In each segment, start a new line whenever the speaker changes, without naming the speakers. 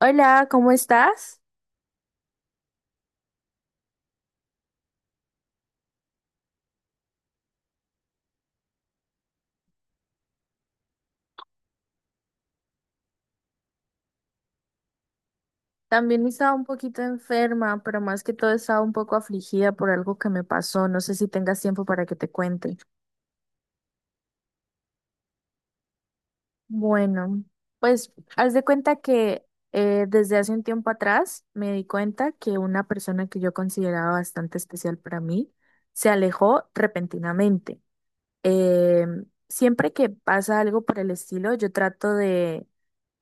Hola, ¿cómo estás? También estaba un poquito enferma, pero más que todo estaba un poco afligida por algo que me pasó. No sé si tengas tiempo para que te cuente. Bueno, pues haz de cuenta que desde hace un tiempo atrás me di cuenta que una persona que yo consideraba bastante especial para mí se alejó repentinamente. Siempre que pasa algo por el estilo, yo trato de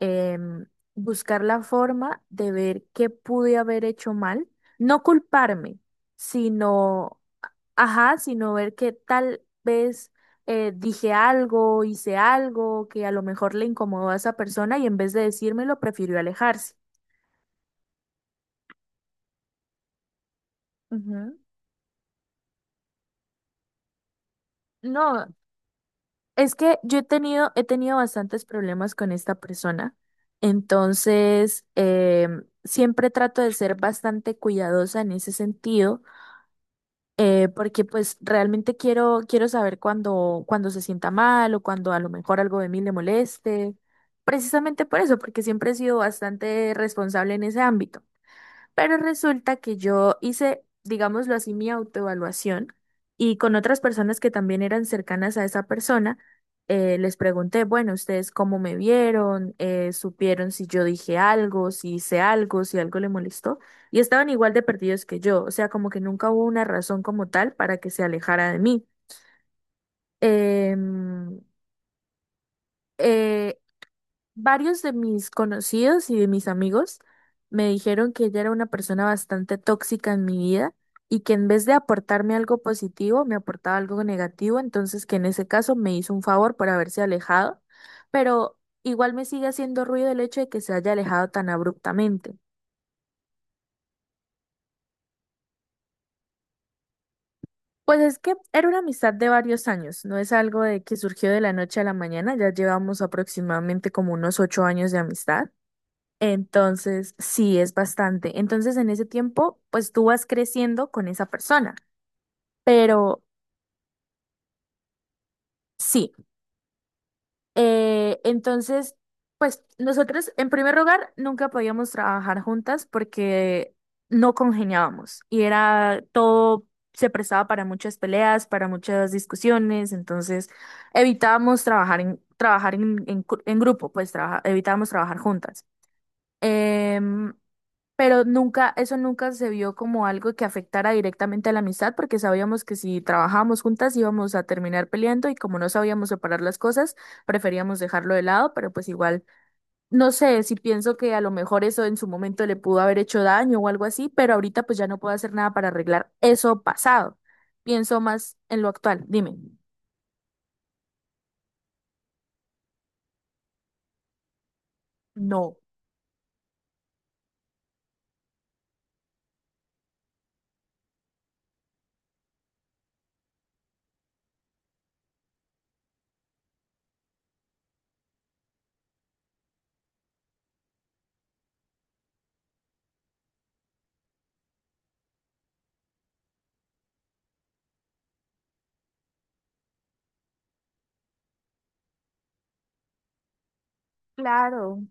em, buscar la forma de ver qué pude haber hecho mal, no culparme, sino, ajá, sino ver que tal vez dije algo, hice algo que a lo mejor le incomodó a esa persona y en vez de decírmelo, prefirió alejarse. Ujú. No, es que yo he tenido bastantes problemas con esta persona, entonces siempre trato de ser bastante cuidadosa en ese sentido, porque pues realmente quiero, quiero saber cuando, cuando se sienta mal o cuando a lo mejor algo de mí le moleste, precisamente por eso, porque siempre he sido bastante responsable en ese ámbito. Pero resulta que yo hice, digámoslo así, mi autoevaluación y con otras personas que también eran cercanas a esa persona, les pregunté, bueno, ¿ustedes cómo me vieron? ¿Eh, supieron si yo dije algo, si hice algo, si algo le molestó? Y estaban igual de perdidos que yo, o sea, como que nunca hubo una razón como tal para que se alejara de mí. Em, eh, Varios de mis conocidos y de mis amigos me dijeron que ella era una persona bastante tóxica en mi vida y que en vez de aportarme algo positivo, me aportaba algo negativo, entonces que en ese caso me hizo un favor por haberse alejado, pero igual me sigue haciendo ruido el hecho de que se haya alejado tan abruptamente. Pues es que era una amistad de varios años, no es algo de que surgió de la noche a la mañana, ya llevamos aproximadamente como unos 8 años de amistad. Entonces, sí, es bastante. Entonces, en ese tiempo, pues tú vas creciendo con esa persona. Pero sí, entonces, pues nosotros, en primer lugar, nunca podíamos trabajar juntas porque no congeniábamos y era todo, se prestaba para muchas peleas, para muchas discusiones. Entonces, evitábamos trabajar en grupo, evitábamos trabajar juntas. Em, Pero nunca, eso nunca se vio como algo que afectara directamente a la amistad, porque sabíamos que si trabajábamos juntas íbamos a terminar peleando y como no sabíamos separar las cosas, preferíamos dejarlo de lado, pero pues igual, no sé si pienso que a lo mejor eso en su momento le pudo haber hecho daño o algo así, pero ahorita pues ya no puedo hacer nada para arreglar eso pasado. Pienso más en lo actual. Dime. No. Claro.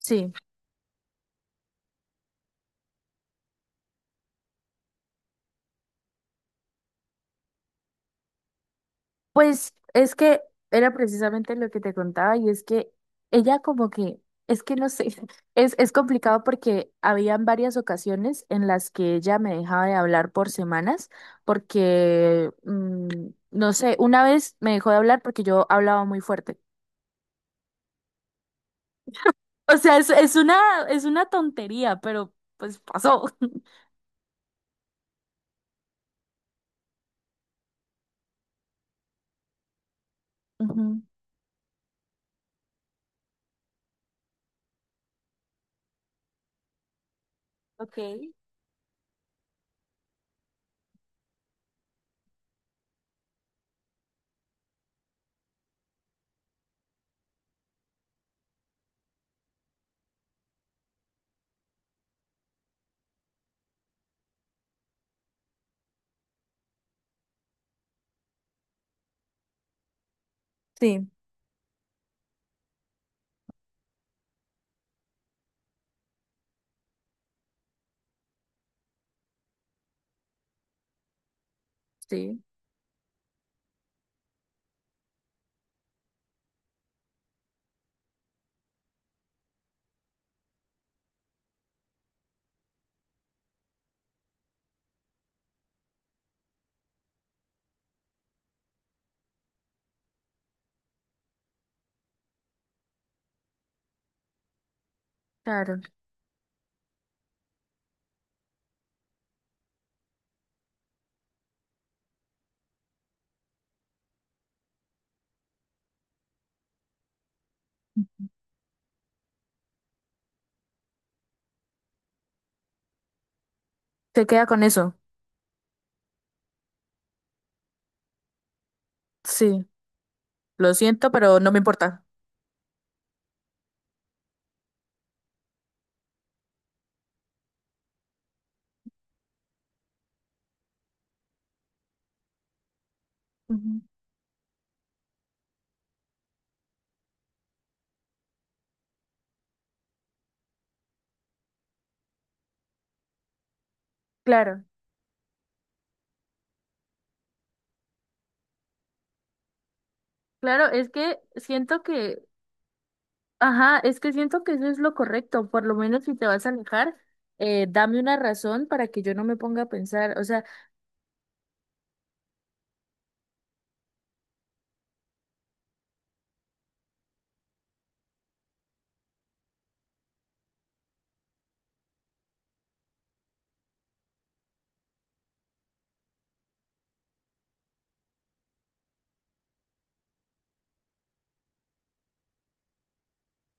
Sí. Pues es que era precisamente lo que te contaba y es que ella como que, es que no sé, es complicado porque habían varias ocasiones en las que ella me dejaba de hablar por semanas porque, no sé, una vez me dejó de hablar porque yo hablaba muy fuerte. O sea, es una tontería, pero pues pasó. Ujú. Ok. Sí, sí, claro. Se queda con eso. Sí, lo siento, pero no me importa. Ujú. Claro. Claro, es que siento que, ajá, es que siento que eso es lo correcto, por lo menos si te vas a alejar, dame una razón para que yo no me ponga a pensar, o sea,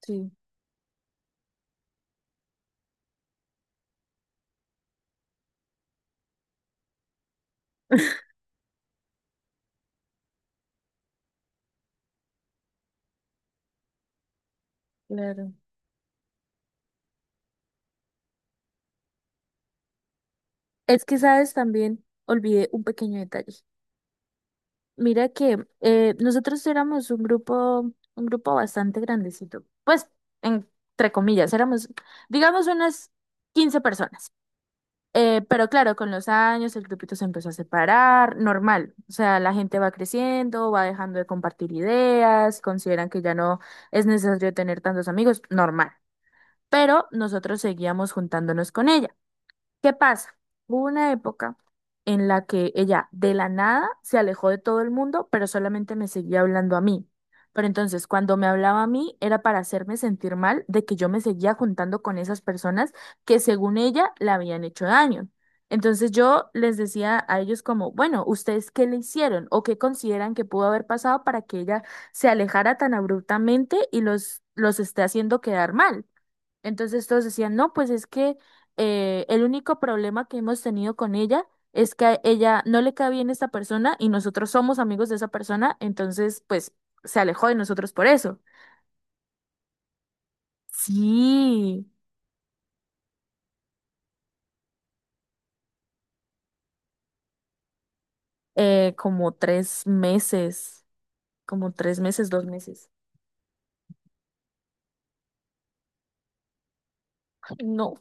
sí, claro. Es que, sabes, también olvidé un pequeño detalle. Mira que nosotros éramos un grupo bastante grandecito, pues, entre comillas, éramos, digamos, unas 15 personas. Pero claro, con los años el grupito se empezó a separar, normal. O sea, la gente va creciendo, va dejando de compartir ideas, consideran que ya no es necesario tener tantos amigos, normal. Pero nosotros seguíamos juntándonos con ella. ¿Qué pasa? Hubo una época en la que ella de la nada se alejó de todo el mundo, pero solamente me seguía hablando a mí. Pero entonces, cuando me hablaba a mí, era para hacerme sentir mal de que yo me seguía juntando con esas personas que según ella le habían hecho daño. Entonces yo les decía a ellos como, bueno, ¿ustedes qué le hicieron o qué consideran que pudo haber pasado para que ella se alejara tan abruptamente y los esté haciendo quedar mal? Entonces todos decían, no, pues es que el único problema que hemos tenido con ella es que a ella no le cae bien esta persona y nosotros somos amigos de esa persona, entonces pues se alejó de nosotros por eso. Sí, como 3 meses, como 3 meses, 2 meses. Ay, no.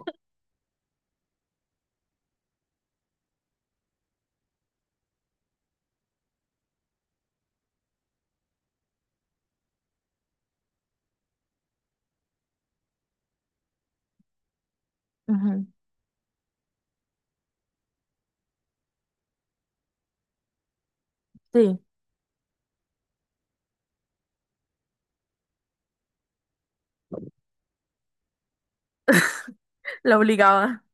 Ujú, sí, la obligaba.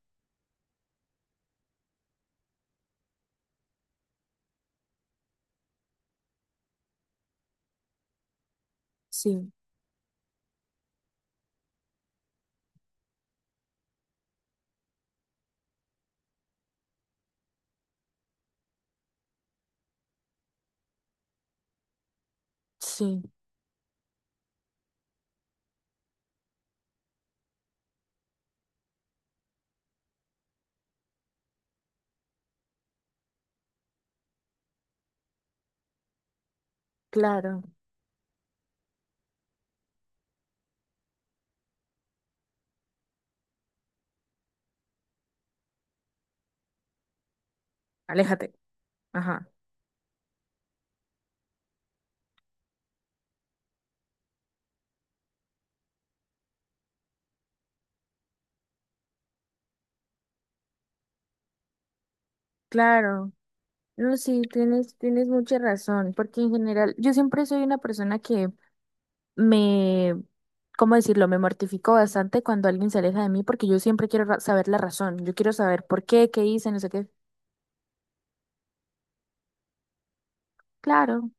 Sí, sí, claro. Aléjate. Ajá, claro. No, sí, tienes, tienes mucha razón, porque en general yo siempre soy una persona que me, ¿cómo decirlo? Me mortifico bastante cuando alguien se aleja de mí porque yo siempre quiero saber la razón. Yo quiero saber por qué, qué hice, no sé qué. Claro,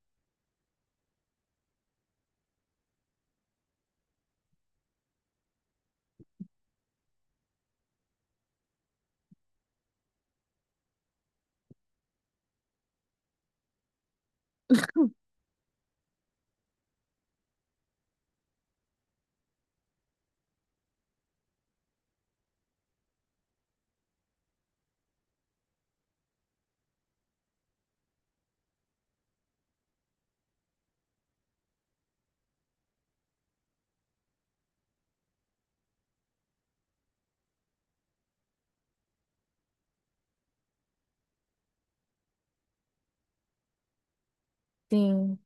sí,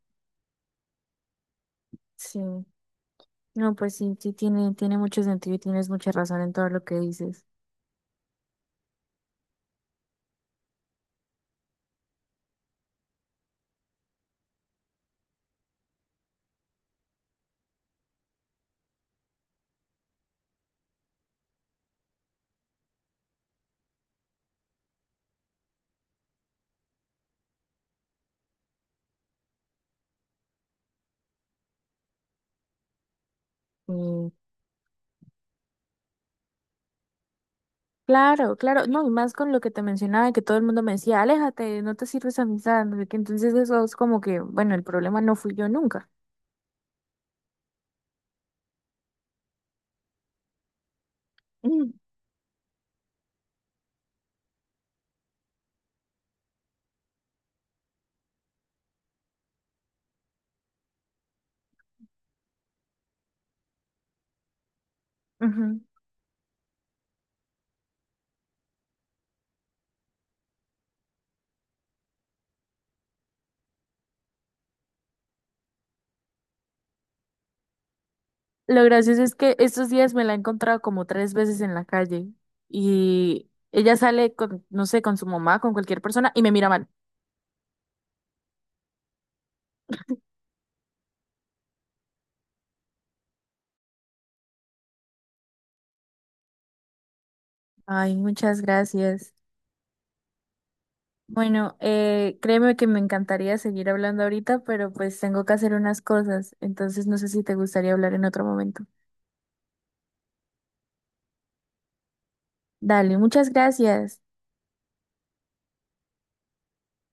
sí. No, pues sí, sí tiene, tiene mucho sentido y tienes mucha razón en todo lo que dices. Mm, claro, claro, no, y más con lo que te mencionaba, que todo el mundo me decía, aléjate, no te sirves amistad, no sé qué. Entonces eso es como que, bueno, el problema no fui yo nunca. Mm, ujú. Lo gracioso es que estos días me la he encontrado como 3 veces en la calle y ella sale con, no sé, con su mamá, con cualquier persona y me mira mal. Ay, muchas gracias. Bueno, créeme que me encantaría seguir hablando ahorita, pero pues tengo que hacer unas cosas, entonces no sé si te gustaría hablar en otro momento. Dale, muchas gracias.